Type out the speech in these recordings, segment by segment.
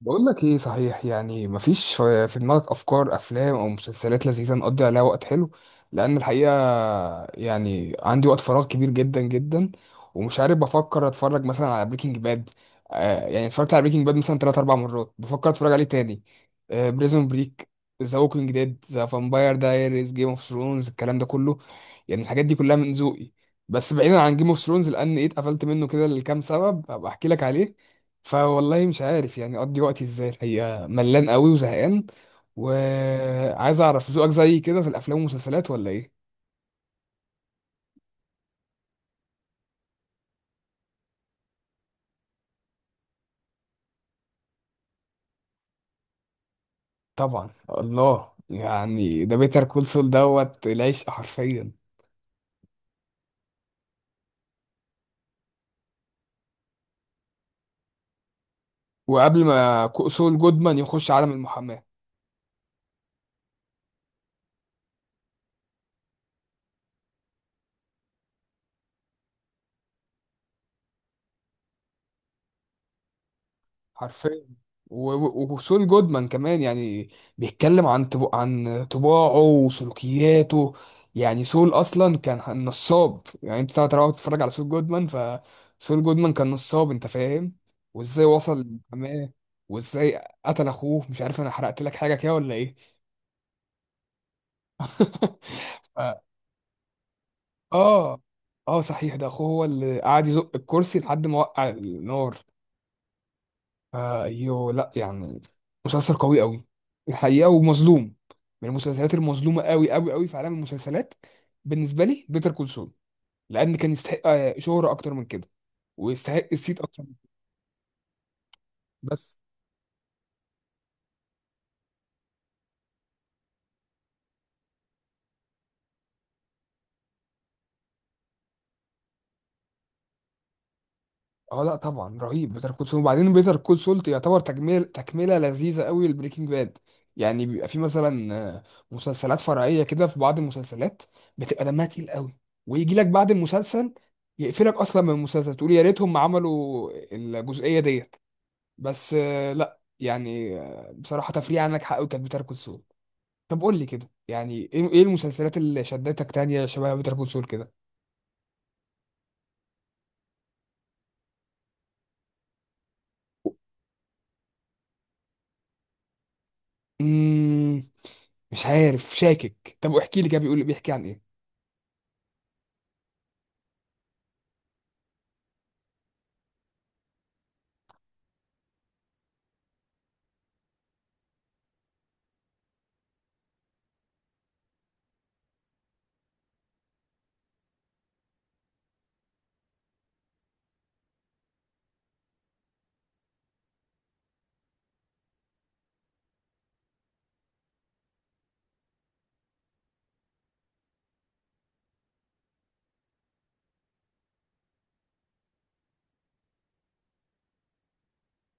بقول لك ايه؟ صحيح، يعني مفيش في دماغك افكار افلام او مسلسلات لذيذه نقضي عليها وقت حلو؟ لان الحقيقه يعني عندي وقت فراغ كبير جدا جدا. ومش عارف، بفكر اتفرج مثلا على بريكنج باد. يعني اتفرجت على بريكنج باد مثلا 3 4 مرات، بفكر اتفرج عليه تاني. بريزون بريك، ذا ووكينج ديد، ذا فامباير دايريز، جيم اوف ثرونز، الكلام ده كله، يعني الحاجات دي كلها من ذوقي. بس بعيدا عن جيم اوف ثرونز لان ايه اتقفلت منه كده لكام سبب هبقى احكي لك عليه. فوالله مش عارف يعني اقضي وقتي ازاي، الحقيقه ملان قوي وزهقان. وعايز اعرف ذوقك زي كده في الافلام والمسلسلات، ولا ايه؟ طبعا، الله! يعني ده بيتر كول سول دوت العشق حرفيا. وقبل ما كول سول جودمان يخش عالم المحاماة. حرفيا. وسول جودمان كمان يعني. بيتكلم عن طباعه وسلوكياته. يعني سول اصلا كان نصاب، يعني انت طبعا بتتفرج على سول جودمان، فسول جودمان كان نصاب، انت فاهم. وازاي وصل للمحاماه، وازاي قتل اخوه، مش عارف، انا حرقت لك حاجه كده ولا ايه؟ ف- اه، اه، صحيح، ده اخوه هو اللي قعد يزق الكرسي لحد ما وقع النار. ايوه، لا يعني مسلسل قوي قوي الحقيقه، ومظلوم. من المسلسلات المظلومه قوي قوي قوي في عالم المسلسلات بالنسبه لي بيتر كول سول، لان كان يستحق شهره اكتر من كده، ويستحق الصيت اكتر من كده. بس اه، لا، طبعا رهيب بيتر كول سول. وبعدين بيتر كول سول يعتبر تكمله لذيذه قوي لبريكنج باد. يعني بيبقى في مثلا مسلسلات فرعيه كده، في بعض المسلسلات بتبقى دمها تقيل قوي، ويجي لك بعد المسلسل يقفلك اصلا من المسلسل، تقول يا ريتهم ما عملوا الجزئيه ديت. بس لا يعني، بصراحه تفريع عنك حق كانت بيتر كول سول. طب قول لي كده، يعني إيه المسلسلات اللي شدتك تانية شبه بيتر كول سول كده؟ مم. مش عارف، شاكك، طب احكي لي كده، بيحكي عن ايه.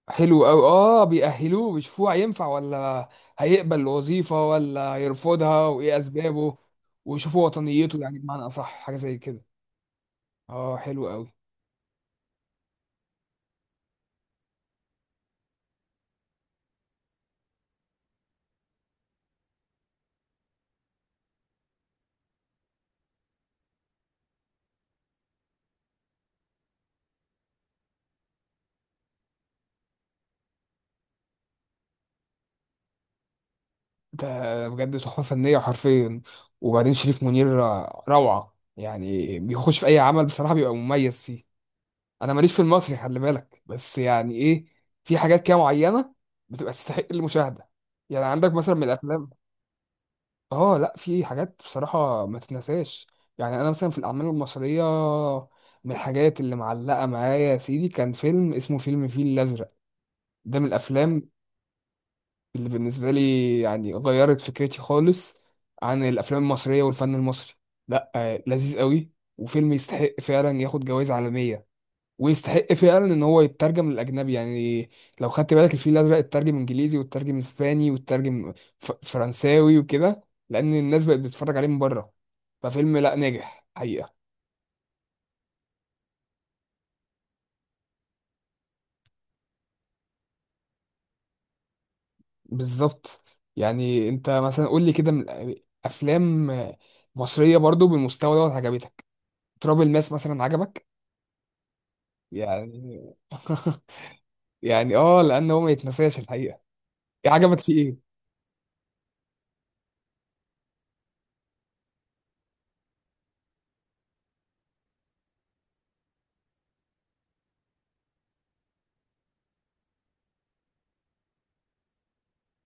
حلو قوي، اه، بيأهلوه، بيشوفوه هينفع ولا هيقبل الوظيفة ولا هيرفضها وايه اسبابه، ويشوفوا وطنيته، يعني بمعنى اصح حاجة زي كده. اه، حلو قوي. ده بجد تحفة فنية حرفيا. وبعدين شريف منير روعة، يعني بيخش في اي عمل بصراحة بيبقى مميز فيه. انا ماليش في المصري، خلي بالك، بس يعني ايه، في حاجات كده معينة بتبقى تستحق المشاهدة. يعني عندك مثلا من الافلام، اه، لا، في حاجات بصراحة ما تتنساش. يعني انا مثلا في الاعمال المصرية، من الحاجات اللي معلقة معايا يا سيدي كان فيلم اسمه فيلم الفيل الازرق. ده من الافلام اللي بالنسبة لي يعني غيرت فكرتي خالص عن الافلام المصرية والفن المصري. لا لذيذ قوي، وفيلم يستحق فعلا ياخد جوائز عالمية، ويستحق فعلا ان هو يترجم للاجنبي يعني. لو خدت بالك الفيل الازرق اترجم انجليزي، واترجم اسباني، واترجم فرنساوي وكده، لان الناس بقت بتتفرج عليه من بره. ففيلم لا ناجح حقيقة. بالظبط. يعني انت مثلا قول لي كده، من افلام مصرية برضو بالمستوى دوت عجبتك؟ تراب الماس مثلا عجبك؟ يعني يعني اه، لان هو ما يتنساش الحقيقة. إيه، عجبك فيه ايه؟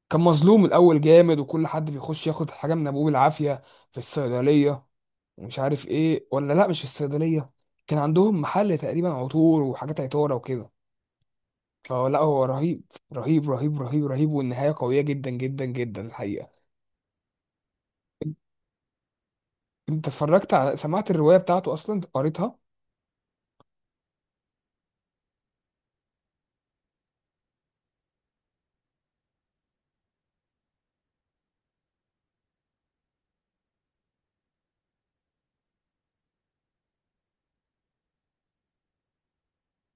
كان مظلوم الاول جامد، وكل حد بيخش ياخد حاجه من ابوه بالعافيه، في الصيدليه. ومش عارف ايه، ولا لا، مش في الصيدليه، كان عندهم محل تقريبا عطور وحاجات عطاره وكده. فلا هو رهيب، رهيب، رهيب، رهيب، رهيب، والنهايه قويه جدا جدا جدا الحقيقه. انت اتفرجت على سمعت الروايه بتاعته اصلا؟ قريتها؟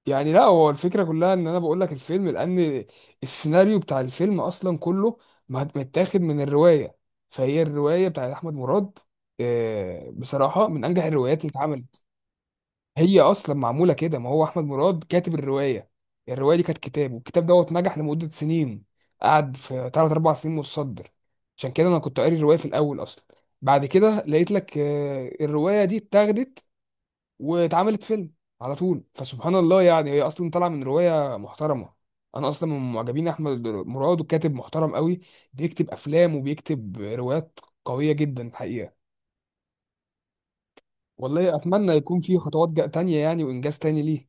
يعني لا، هو الفكرة كلها ان انا بقول لك الفيلم لان السيناريو بتاع الفيلم اصلا كله متاخد من الرواية. فهي الرواية بتاعت احمد مراد بصراحة من انجح الروايات اللي اتعملت. هي اصلا معمولة كده، ما هو احمد مراد كاتب الرواية. الرواية دي كانت كتاب، والكتاب دوت نجح لمدة سنين، قعد في 3 4 سنين متصدر. عشان كده انا كنت قاري الرواية في الاول اصلا، بعد كده لقيت لك الرواية دي اتاخدت واتعملت فيلم على طول. فسبحان الله، يعني هي اصلا طالعه من روايه محترمه. انا اصلا من معجبين احمد مراد، وكاتب محترم قوي، بيكتب افلام وبيكتب روايات قويه جدا الحقيقه. والله اتمنى يكون في خطوات تانية يعني، وانجاز تاني ليه.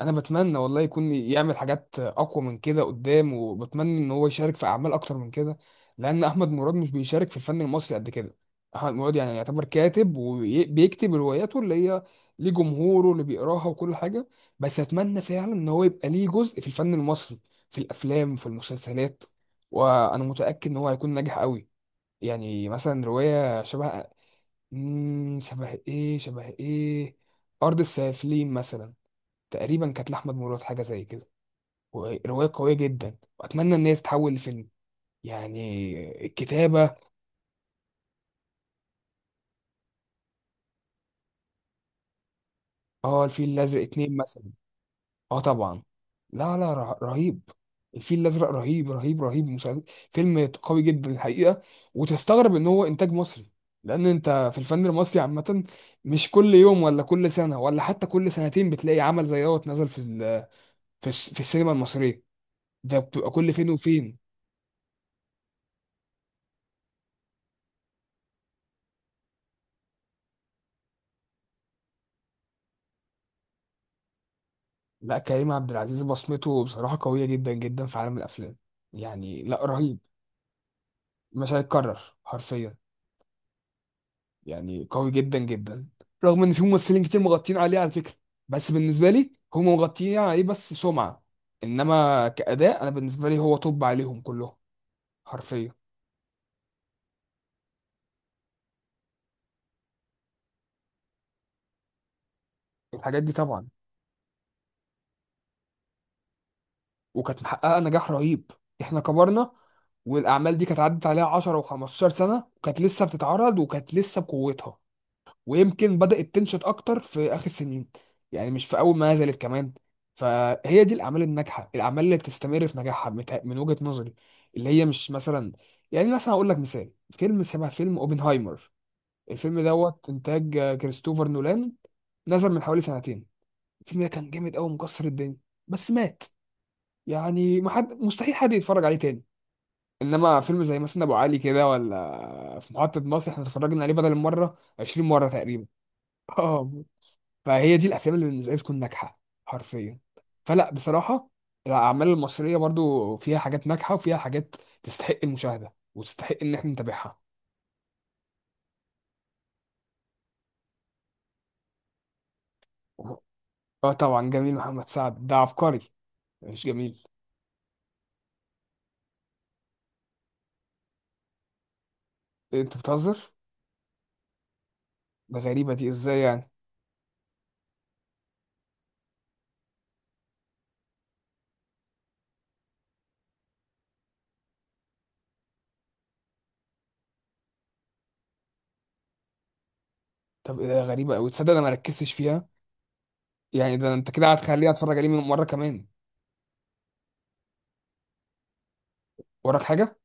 انا بتمنى والله يكون يعمل حاجات اقوى من كده قدام، وبتمنى ان هو يشارك في اعمال اكتر من كده، لان احمد مراد مش بيشارك في الفن المصري قد كده. احمد مراد يعني يعتبر كاتب، وبيكتب رواياته اللي هي ليه جمهوره اللي بيقراها وكل حاجه. بس اتمنى فعلا ان هو يبقى ليه جزء في الفن المصري، في الافلام، في المسلسلات، وانا متاكد ان هو هيكون ناجح قوي. يعني مثلا روايه شبه، شبه ايه، شبه ايه، ارض السافلين مثلا، تقريبا كانت لأحمد مراد حاجة زي كده، ورواية قوية جدا، وأتمنى إن هي تتحول لفيلم. يعني الكتابة. اه، الفيل الأزرق اتنين مثلا. اه طبعا. لا، لا، رهيب. الفيل الأزرق رهيب، رهيب، رهيب. فيلم قوي جدا الحقيقة. وتستغرب إن هو إنتاج مصري، لأن أنت في الفن المصري عامة مش كل يوم ولا كل سنة ولا حتى كل سنتين بتلاقي عمل زي دوت نزل في السينما المصرية. ده بتبقى كل فين وفين. لا، كريم عبد العزيز بصمته بصراحة قوية جدا جدا في عالم الأفلام، يعني لا، رهيب. مش هيتكرر حرفيا، يعني قوي جدا جدا، رغم إن في ممثلين كتير مغطين عليه على فكرة. بس بالنسبة لي هم مغطيين عليه بس سمعة، إنما كأداء أنا بالنسبة لي هو توب عليهم كلهم، حرفيا. الحاجات دي طبعا، وكانت محققة نجاح رهيب. إحنا كبرنا، والأعمال دي كانت عدت عليها 10 و15 سنة، وكانت لسه بتتعرض، وكانت لسه بقوتها. ويمكن بدأت تنشط أكتر في آخر سنين، يعني مش في أول ما نزلت كمان. فهي دي الأعمال الناجحة، الأعمال اللي بتستمر في نجاحها من وجهة نظري. اللي هي مش مثلا، يعني مثلا أقول لك مثال، فيلم شبه فيلم أوبنهايمر. الفيلم دوت إنتاج كريستوفر نولان، نزل من حوالي سنتين. الفيلم ده كان جامد قوي مكسر الدنيا، بس مات. يعني ما حد مستحيل حد يتفرج عليه تاني. انما فيلم زي مثلا ابو علي كده، ولا في محطة مصر، احنا اتفرجنا عليه بدل المرة 20 مرة تقريبا. اه. فهي دي الافلام اللي بالنسبه لي بتكون ناجحه حرفيا. فلا بصراحه الاعمال المصريه برضو فيها حاجات ناجحه، وفيها حاجات تستحق المشاهده وتستحق ان احنا نتابعها. اه طبعا، جميل. محمد سعد ده عبقري، مش جميل. انت بتهزر! ده غريبه، دي ازاي يعني؟ طب إيه، ده غريبه قوي، تصدق انا ما ركزتش فيها. يعني ده انت كده هتخليني اتفرج عليه مره كمان. وراك حاجه؟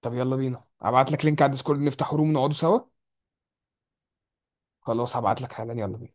طب يلا بينا، هبعت لك لينك على الديسكورد، نفتح روم، نقعدوا سوا. خلاص، هبعت لك حالا، يلا بينا.